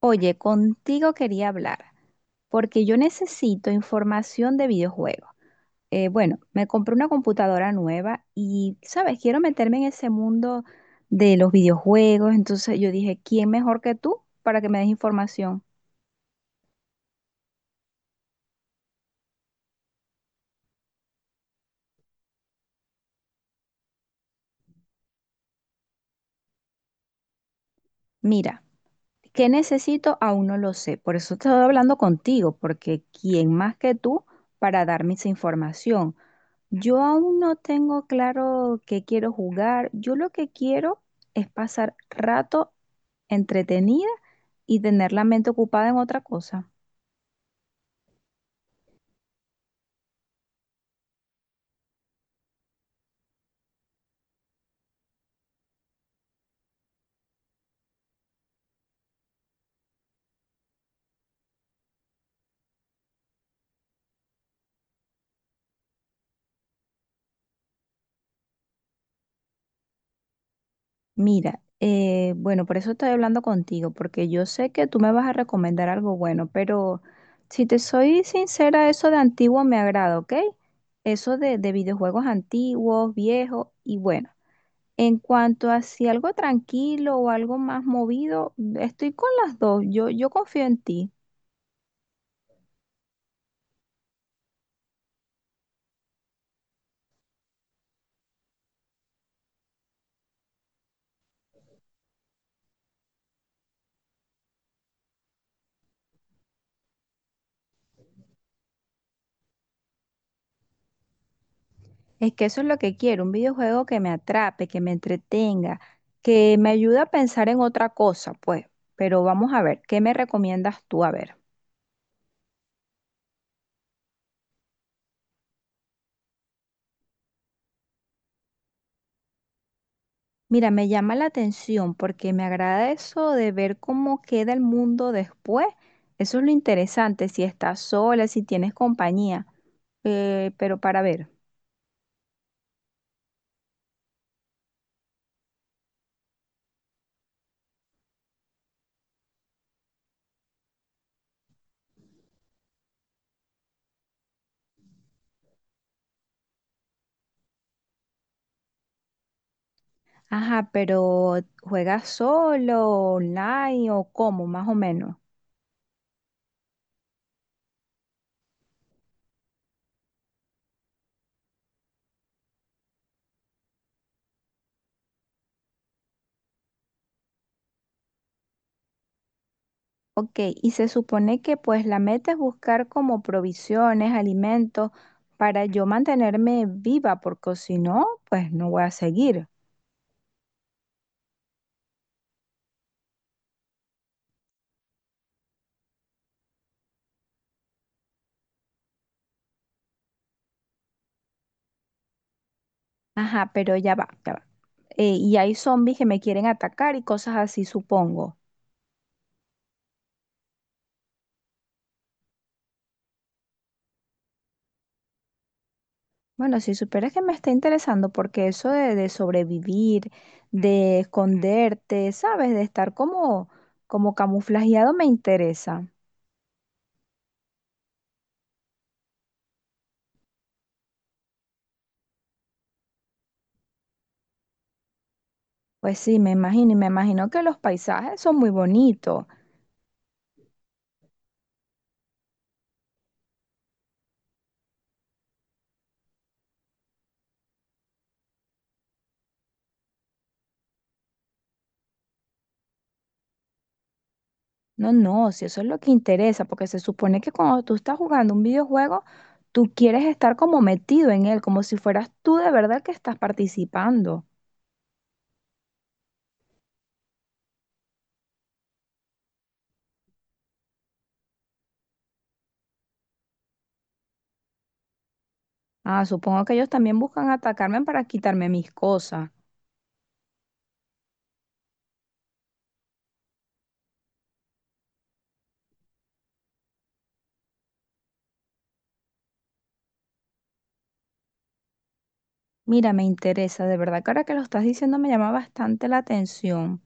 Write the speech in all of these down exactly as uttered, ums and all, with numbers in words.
Oye, contigo quería hablar, porque yo necesito información de videojuegos. Eh, bueno, me compré una computadora nueva y, ¿sabes? Quiero meterme en ese mundo de los videojuegos, entonces yo dije, ¿quién mejor que tú para que me des información? Mira, ¿qué necesito? Aún no lo sé, por eso estoy hablando contigo, porque ¿quién más que tú para darme esa información? Yo aún no tengo claro qué quiero jugar. Yo lo que quiero es pasar rato entretenida y tener la mente ocupada en otra cosa. Mira, eh, bueno, por eso estoy hablando contigo, porque yo sé que tú me vas a recomendar algo bueno, pero si te soy sincera, eso de antiguo me agrada, ¿ok? Eso de, de videojuegos antiguos, viejos y bueno. En cuanto a si algo tranquilo o algo más movido, estoy con las dos. Yo, yo confío en ti. Es que eso es lo que quiero, un videojuego que me atrape, que me entretenga, que me ayude a pensar en otra cosa, pues. Pero vamos a ver, ¿qué me recomiendas tú? A ver. Mira, me llama la atención porque me agrada eso de ver cómo queda el mundo después. Eso es lo interesante, si estás sola, si tienes compañía. Eh, pero para ver. Ajá, pero ¿juegas solo, online o cómo, más o menos? Ok, y se supone que pues la meta es buscar como provisiones, alimentos para yo mantenerme viva, porque si no, pues no voy a seguir. Ajá, pero ya va, ya va. Eh, y hay zombies que me quieren atacar y cosas así, supongo. Bueno, si supieras que me está interesando, porque eso de, de sobrevivir, de esconderte, ¿sabes? De estar como, como camuflajeado me interesa. Pues sí, me imagino, y me imagino que los paisajes son muy bonitos. No, no, si eso es lo que interesa, porque se supone que cuando tú estás jugando un videojuego, tú quieres estar como metido en él, como si fueras tú de verdad que estás participando. Ah, supongo que ellos también buscan atacarme para quitarme mis cosas. Mira, me interesa, de verdad que ahora que lo estás diciendo me llama bastante la atención,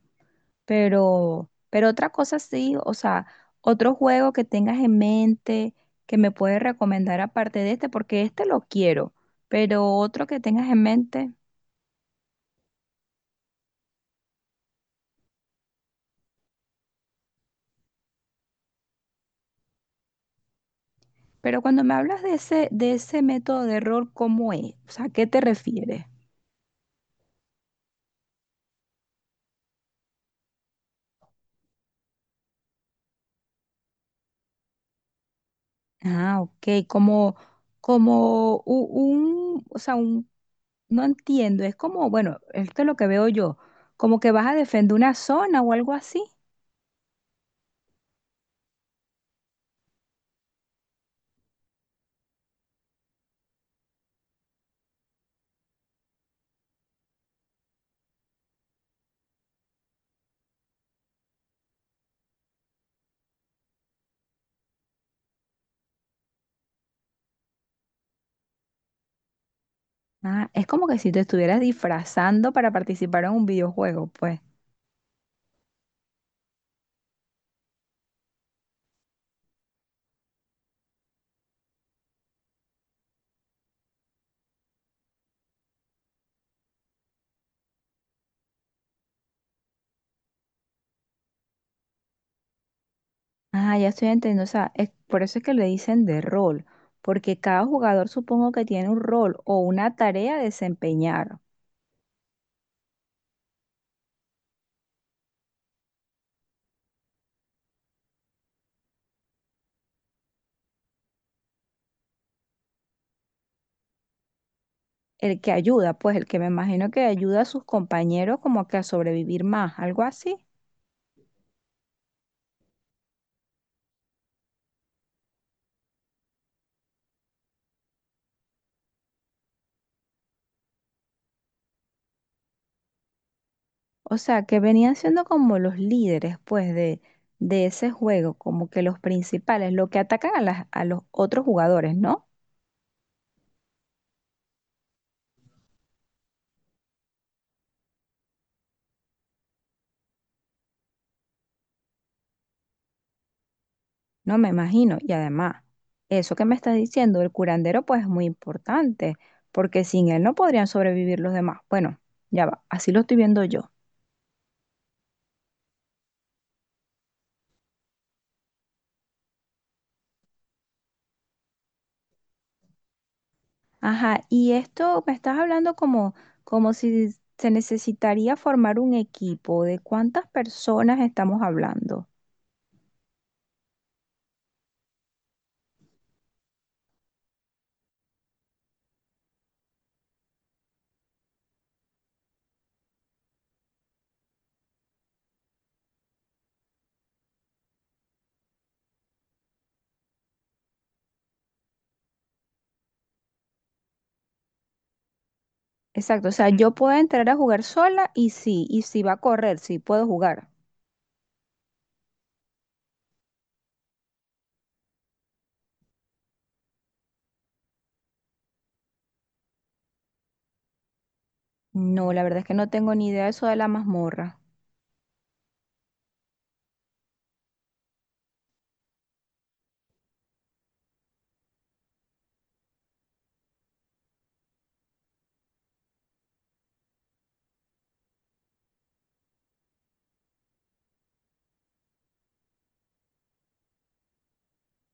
pero, pero otra cosa sí, o sea, otro juego que tengas en mente que me puedes recomendar aparte de este, porque este lo quiero, pero otro que tengas en mente. Pero cuando me hablas de ese, de ese método de error, ¿cómo es? O sea, ¿a qué te refieres? Ah, ok, como, como u- un, o sea, un, no entiendo, es como, bueno, esto es lo que veo yo, como que vas a defender una zona o algo así. Ah, es como que si te estuvieras disfrazando para participar en un videojuego, pues. Ah, ya estoy entendiendo, o sea, es, por eso es que le dicen de rol, porque cada jugador supongo que tiene un rol o una tarea a desempeñar. El que ayuda, pues el que me imagino que ayuda a sus compañeros como que a sobrevivir más, algo así. O sea, que venían siendo como los líderes, pues, de, de ese juego, como que los principales, los que atacan a, las, a los otros jugadores, ¿no? No me imagino. Y además, eso que me estás diciendo, el curandero, pues es muy importante, porque sin él no podrían sobrevivir los demás. Bueno, ya va, así lo estoy viendo yo. Ajá, y esto me estás hablando como, como si se necesitaría formar un equipo. ¿De cuántas personas estamos hablando? Exacto, o sea, yo puedo entrar a jugar sola y sí, y si va a correr, sí, puedo jugar. No, la verdad es que no tengo ni idea de eso de la mazmorra.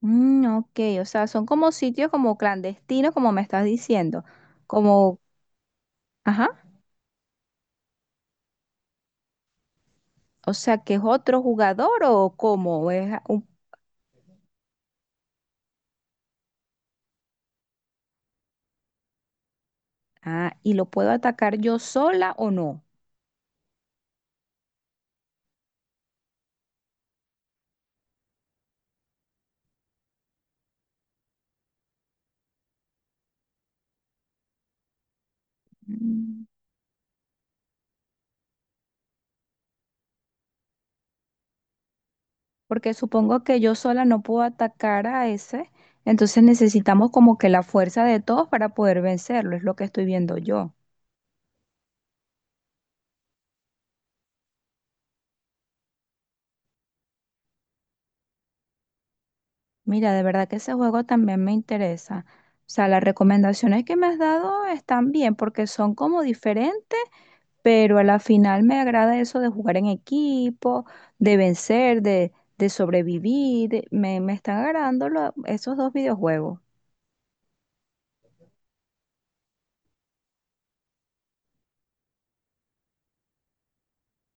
Mm, ok, o sea, son como sitios como clandestinos, como me estás diciendo. Como, ajá, o sea, que es otro jugador o cómo es un- Ah, y lo puedo atacar yo sola o no. Mm. Porque supongo que yo sola no puedo atacar a ese, entonces necesitamos como que la fuerza de todos para poder vencerlo, es lo que estoy viendo yo. Mira, de verdad que ese juego también me interesa. O sea, las recomendaciones que me has dado están bien porque son como diferentes, pero a la final me agrada eso de jugar en equipo, de vencer, de, de sobrevivir. Me, me están agradando lo- esos dos videojuegos.